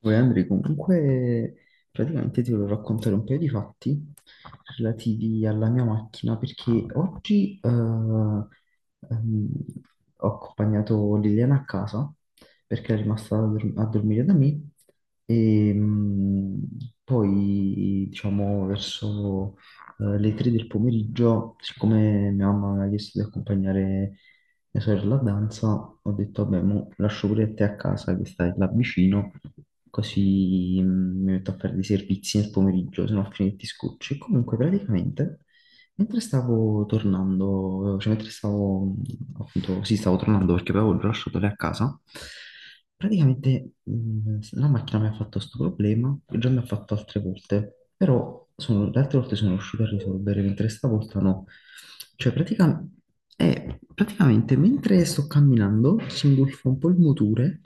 Poi Andrea, comunque praticamente ti volevo raccontare un paio di fatti relativi alla mia macchina perché oggi ho accompagnato Liliana a casa perché è rimasta a dormire da me e mm, poi diciamo verso le 3 del pomeriggio, siccome mia mamma mi ha chiesto di accompagnare mia sorella danza, ho detto, vabbè, mo lascio pure te a casa che stai là vicino, così mi metto a fare dei servizi nel pomeriggio, se no a fine ti scocci. E comunque praticamente mentre stavo tornando, cioè mentre stavo appunto, sì, stavo tornando perché poi avevo lasciato lei a casa, praticamente la macchina mi ha fatto questo problema, che già mi ha fatto altre volte, però le altre volte sono riuscito a risolvere, mentre stavolta no. Cioè praticamente mentre sto camminando si ingolfa un po' il motore,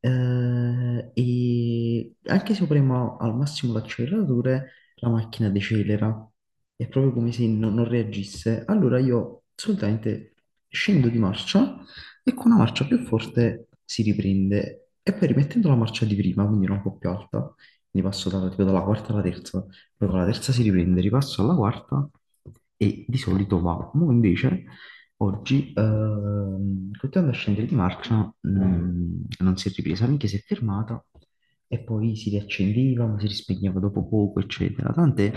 e anche se io premo al massimo l'acceleratore la macchina decelera, è proprio come se non reagisse. Allora io solitamente scendo di marcia e con una marcia più forte si riprende e poi rimettendo la marcia di prima, quindi era un po' più alta, quindi passo dalla, tipo dalla quarta alla terza, poi con la terza si riprende, ripasso alla quarta e di solito va. Mo invece oggi, continuando a scendere di marcia, non si è ripresa, minchia si è fermata e poi si riaccendeva, ma si rispegneva dopo poco, eccetera. Tant'è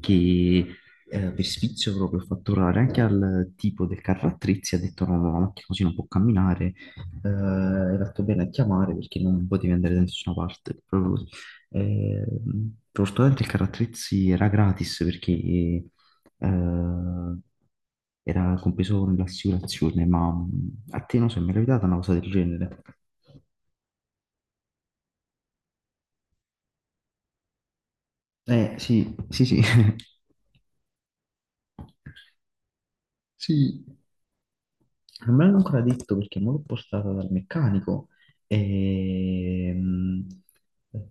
che per sfizio proprio ho fatto urlare anche al tipo del carro attrezzi, ha detto no, no, la macchina così non può camminare, hai fatto bene a chiamare perché non potevi andare da nessuna parte, proprio così. Eh, fortunatamente il carro attrezzi era gratis perché era compreso nell'assicurazione, ma a te non so, mi è capitata una cosa del genere. Eh sì, sì, sì. Sì, non me l'hanno ancora detto perché me l'ho portata dal meccanico e mm,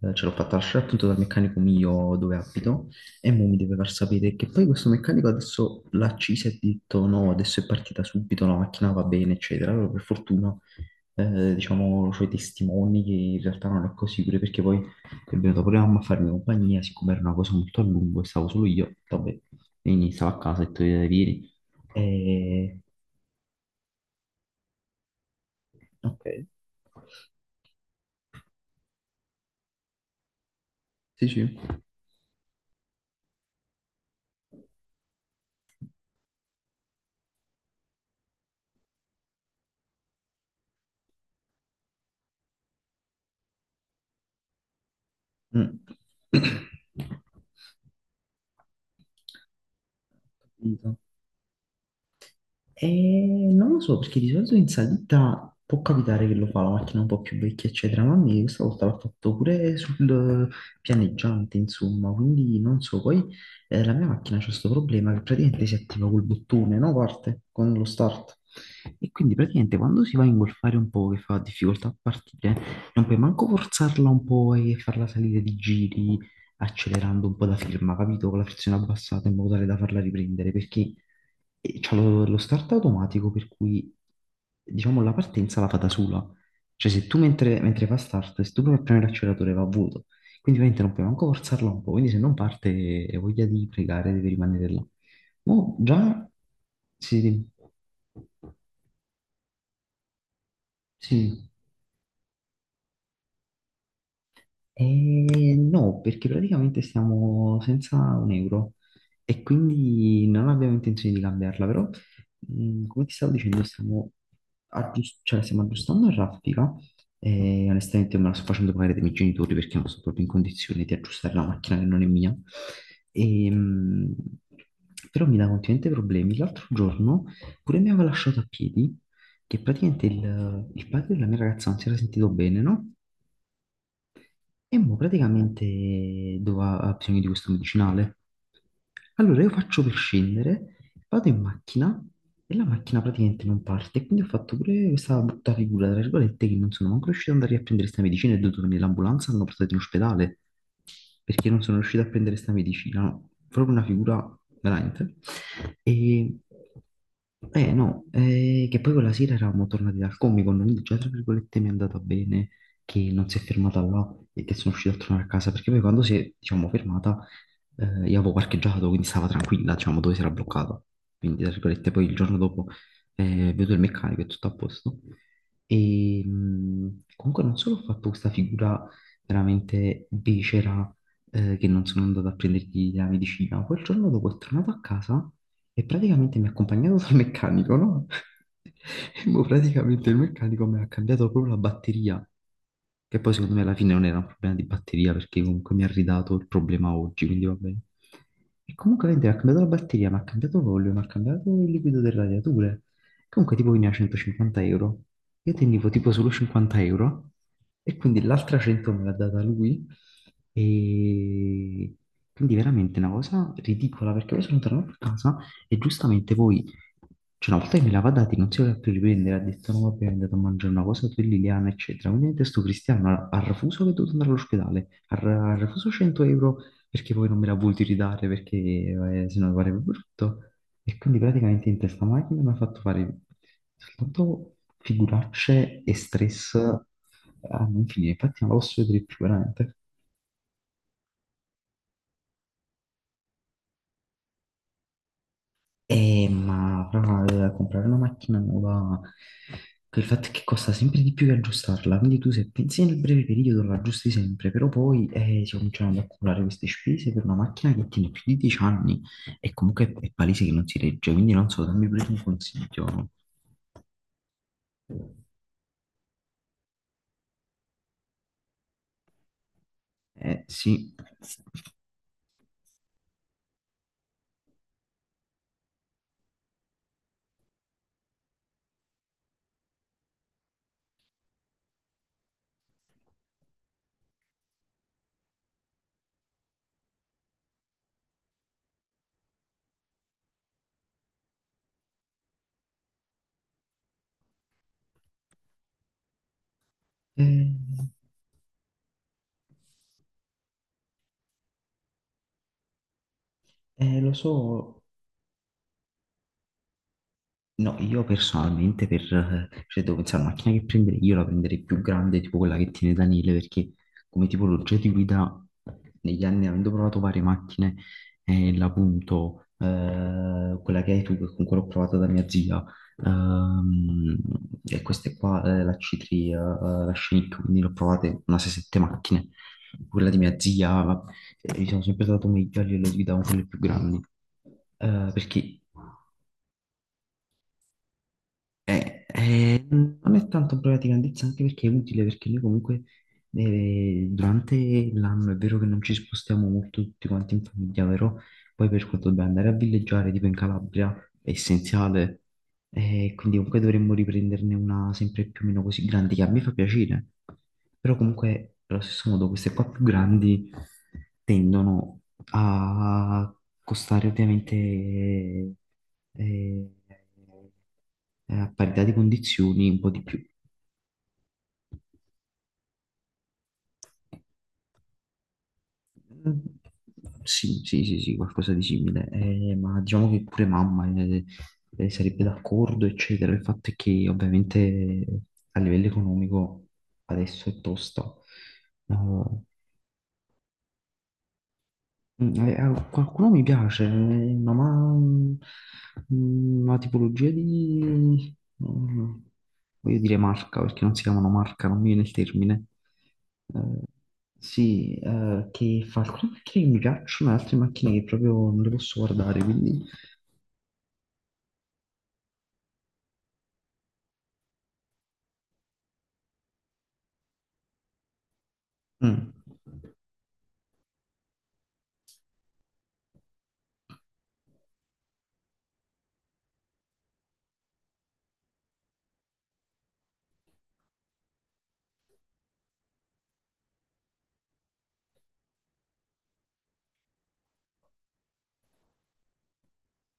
ce l'ho fatta lasciare appunto dal meccanico mio dove abito e mo mi deve far sapere che poi questo meccanico adesso l'ha accesa e ha detto no, adesso è partita subito, la macchina va bene, eccetera. Allora per fortuna, diciamo ho i testimoni che in realtà non è così, pure perché poi è venuta pure la mamma a farmi compagnia, siccome era una cosa molto a lungo e stavo solo io, vabbè, quindi stavo a casa e tu vieni. E ok, sì, sì. Mm. Capito. E non lo so, perché di solito in salita può capitare che lo fa la macchina un po' più vecchia, eccetera, ma a me questa volta l'ha fatto pure sul pianeggiante, insomma, quindi non so. Poi la mia macchina c'ha questo problema che praticamente si attiva col bottone, no? Parte con lo start. E quindi praticamente quando si va a ingolfare un po' che fa difficoltà a partire, non puoi manco forzarla un po' e farla salire di giri accelerando un po' la firma, capito? Con la frizione abbassata in modo tale da farla riprendere, perché e c'ha lo start automatico per cui diciamo la partenza la fa da sola. Cioè se tu mentre fa start, se tu provi a premere l'acceleratore va a vuoto, quindi ovviamente non puoi manco forzarla un po', quindi se non parte hai voglia di pregare, devi rimanere là. Mo' già sì, sì. No, perché praticamente stiamo senza un euro e quindi non abbiamo intenzione di cambiarla, però come ti stavo dicendo stiamo, cioè, stiamo aggiustando la raffica e onestamente me la sto facendo pagare dai miei genitori perché non sono proprio in condizione di aggiustare la macchina che non è mia. E, mh, Però mi dà continuamente problemi. L'altro giorno pure mi aveva lasciato a piedi che praticamente il padre della mia ragazza non si era sentito bene, no? E mo praticamente doveva, ha bisogno di questo medicinale. Allora io faccio per scendere, vado in macchina e la macchina praticamente non parte. E quindi ho fatto pure questa brutta figura, tra virgolette, che non sono manco riuscito ad andare a prendere questa medicina e ho dovuto venire l'ambulanza, hanno portato in ospedale perché non sono riuscito a prendere sta medicina, no? Proprio una figura veramente. E eh no, che poi quella sera eravamo tornati dal Comic Con, quindi già tra virgolette mi è andata bene che non si è fermata là e che sono riuscito a tornare a casa, perché poi quando si è, diciamo, fermata, io avevo parcheggiato, quindi stava tranquilla, diciamo, dove si era bloccata. Quindi, tra virgolette, poi il giorno dopo vedo il meccanico e tutto a posto. Comunque non solo ho fatto questa figura veramente becera, che non sono andato a prendergli la medicina. Quel giorno dopo è tornato a casa e praticamente mi ha accompagnato dal meccanico, no? E mo praticamente il meccanico mi ha cambiato proprio la batteria, che poi secondo me alla fine non era un problema di batteria perché comunque mi ha ridato il problema oggi, quindi va bene. E comunque mentre mi ha cambiato la batteria, mi ha cambiato l'olio, mi ha cambiato il liquido del radiatore. Comunque tipo veniva 150 euro. Io tenevo tipo solo 50 euro e quindi l'altra 100 me l'ha data lui. E quindi veramente una cosa ridicola perché poi sono tornato a casa e giustamente voi, cioè una volta che me l'aveva dati non si voleva più riprendere, ha detto no vabbè è andato a mangiare una cosa per Liliana eccetera, quindi adesso Cristiano ha refuso che è dovuto andare all'ospedale, ha refuso 100 euro perché poi non me la voluti ridare perché sennò mi pareva brutto. E quindi praticamente in testa macchina mi ha fatto fare soltanto figuracce e stress a non finire. Infatti non la posso vedere più veramente. Ma fra comprare una macchina nuova, il fatto è che costa sempre di più che aggiustarla, quindi tu se pensi nel breve periodo la aggiusti sempre, però poi si cominciano ad accumulare queste spese per una macchina che tiene più di 10 anni e comunque è palese che non si regge, quindi non so, dammi pure un consiglio. Eh sì, eh, lo so. No, io personalmente per, cioè devo pensare alla macchina che prenderei, io la prenderei più grande, tipo quella che tiene Daniele, perché come tipologia di guida negli anni, avendo provato varie macchine, è la Punto, quella che hai tu, che con quella ho provato da mia zia, ehm, e queste qua, la C3, la Scenic, quindi l'ho provate una 6-7 macchine, quella di mia zia, gli sono sempre stato meglio a livello di guida con quelle più grandi, perché... Non è tanto un problema di grandezza, anche perché è utile, perché noi comunque durante l'anno è vero che non ci spostiamo molto tutti quanti in famiglia, però poi per quanto dobbiamo andare a villeggiare, tipo in Calabria, è essenziale e quindi comunque dovremmo riprenderne una sempre più o meno così grande, che a me fa piacere. Però comunque, allo stesso modo, queste qua più grandi tendono a costare ovviamente, a parità di condizioni un po' di più. Mm, sì, sì, sì, sì, qualcosa di simile. Ma diciamo che pure mamma sarebbe d'accordo, eccetera. Il fatto è che ovviamente a livello economico adesso è tosta. Eh, Qualcuno mi piace, ma, una tipologia di... mm, voglio dire marca, perché non si chiamano marca, non mi viene il termine. Eh, sì, che fa alcune macchine che mi piacciono e altre macchine che proprio non le posso guardare, quindi... Mm,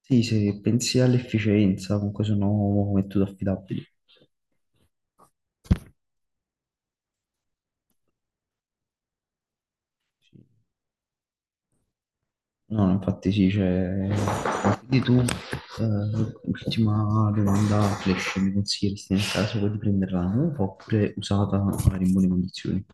sì, se pensi all'efficienza, comunque sono metodi affidabili. Sì. No, no, infatti sì, c'è... Quindi tu, ultima domanda flash, mi consiglieresti nel caso di prenderla nuova oppure usata magari in buone condizioni?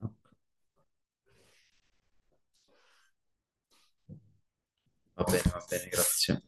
Va va bene, grazie.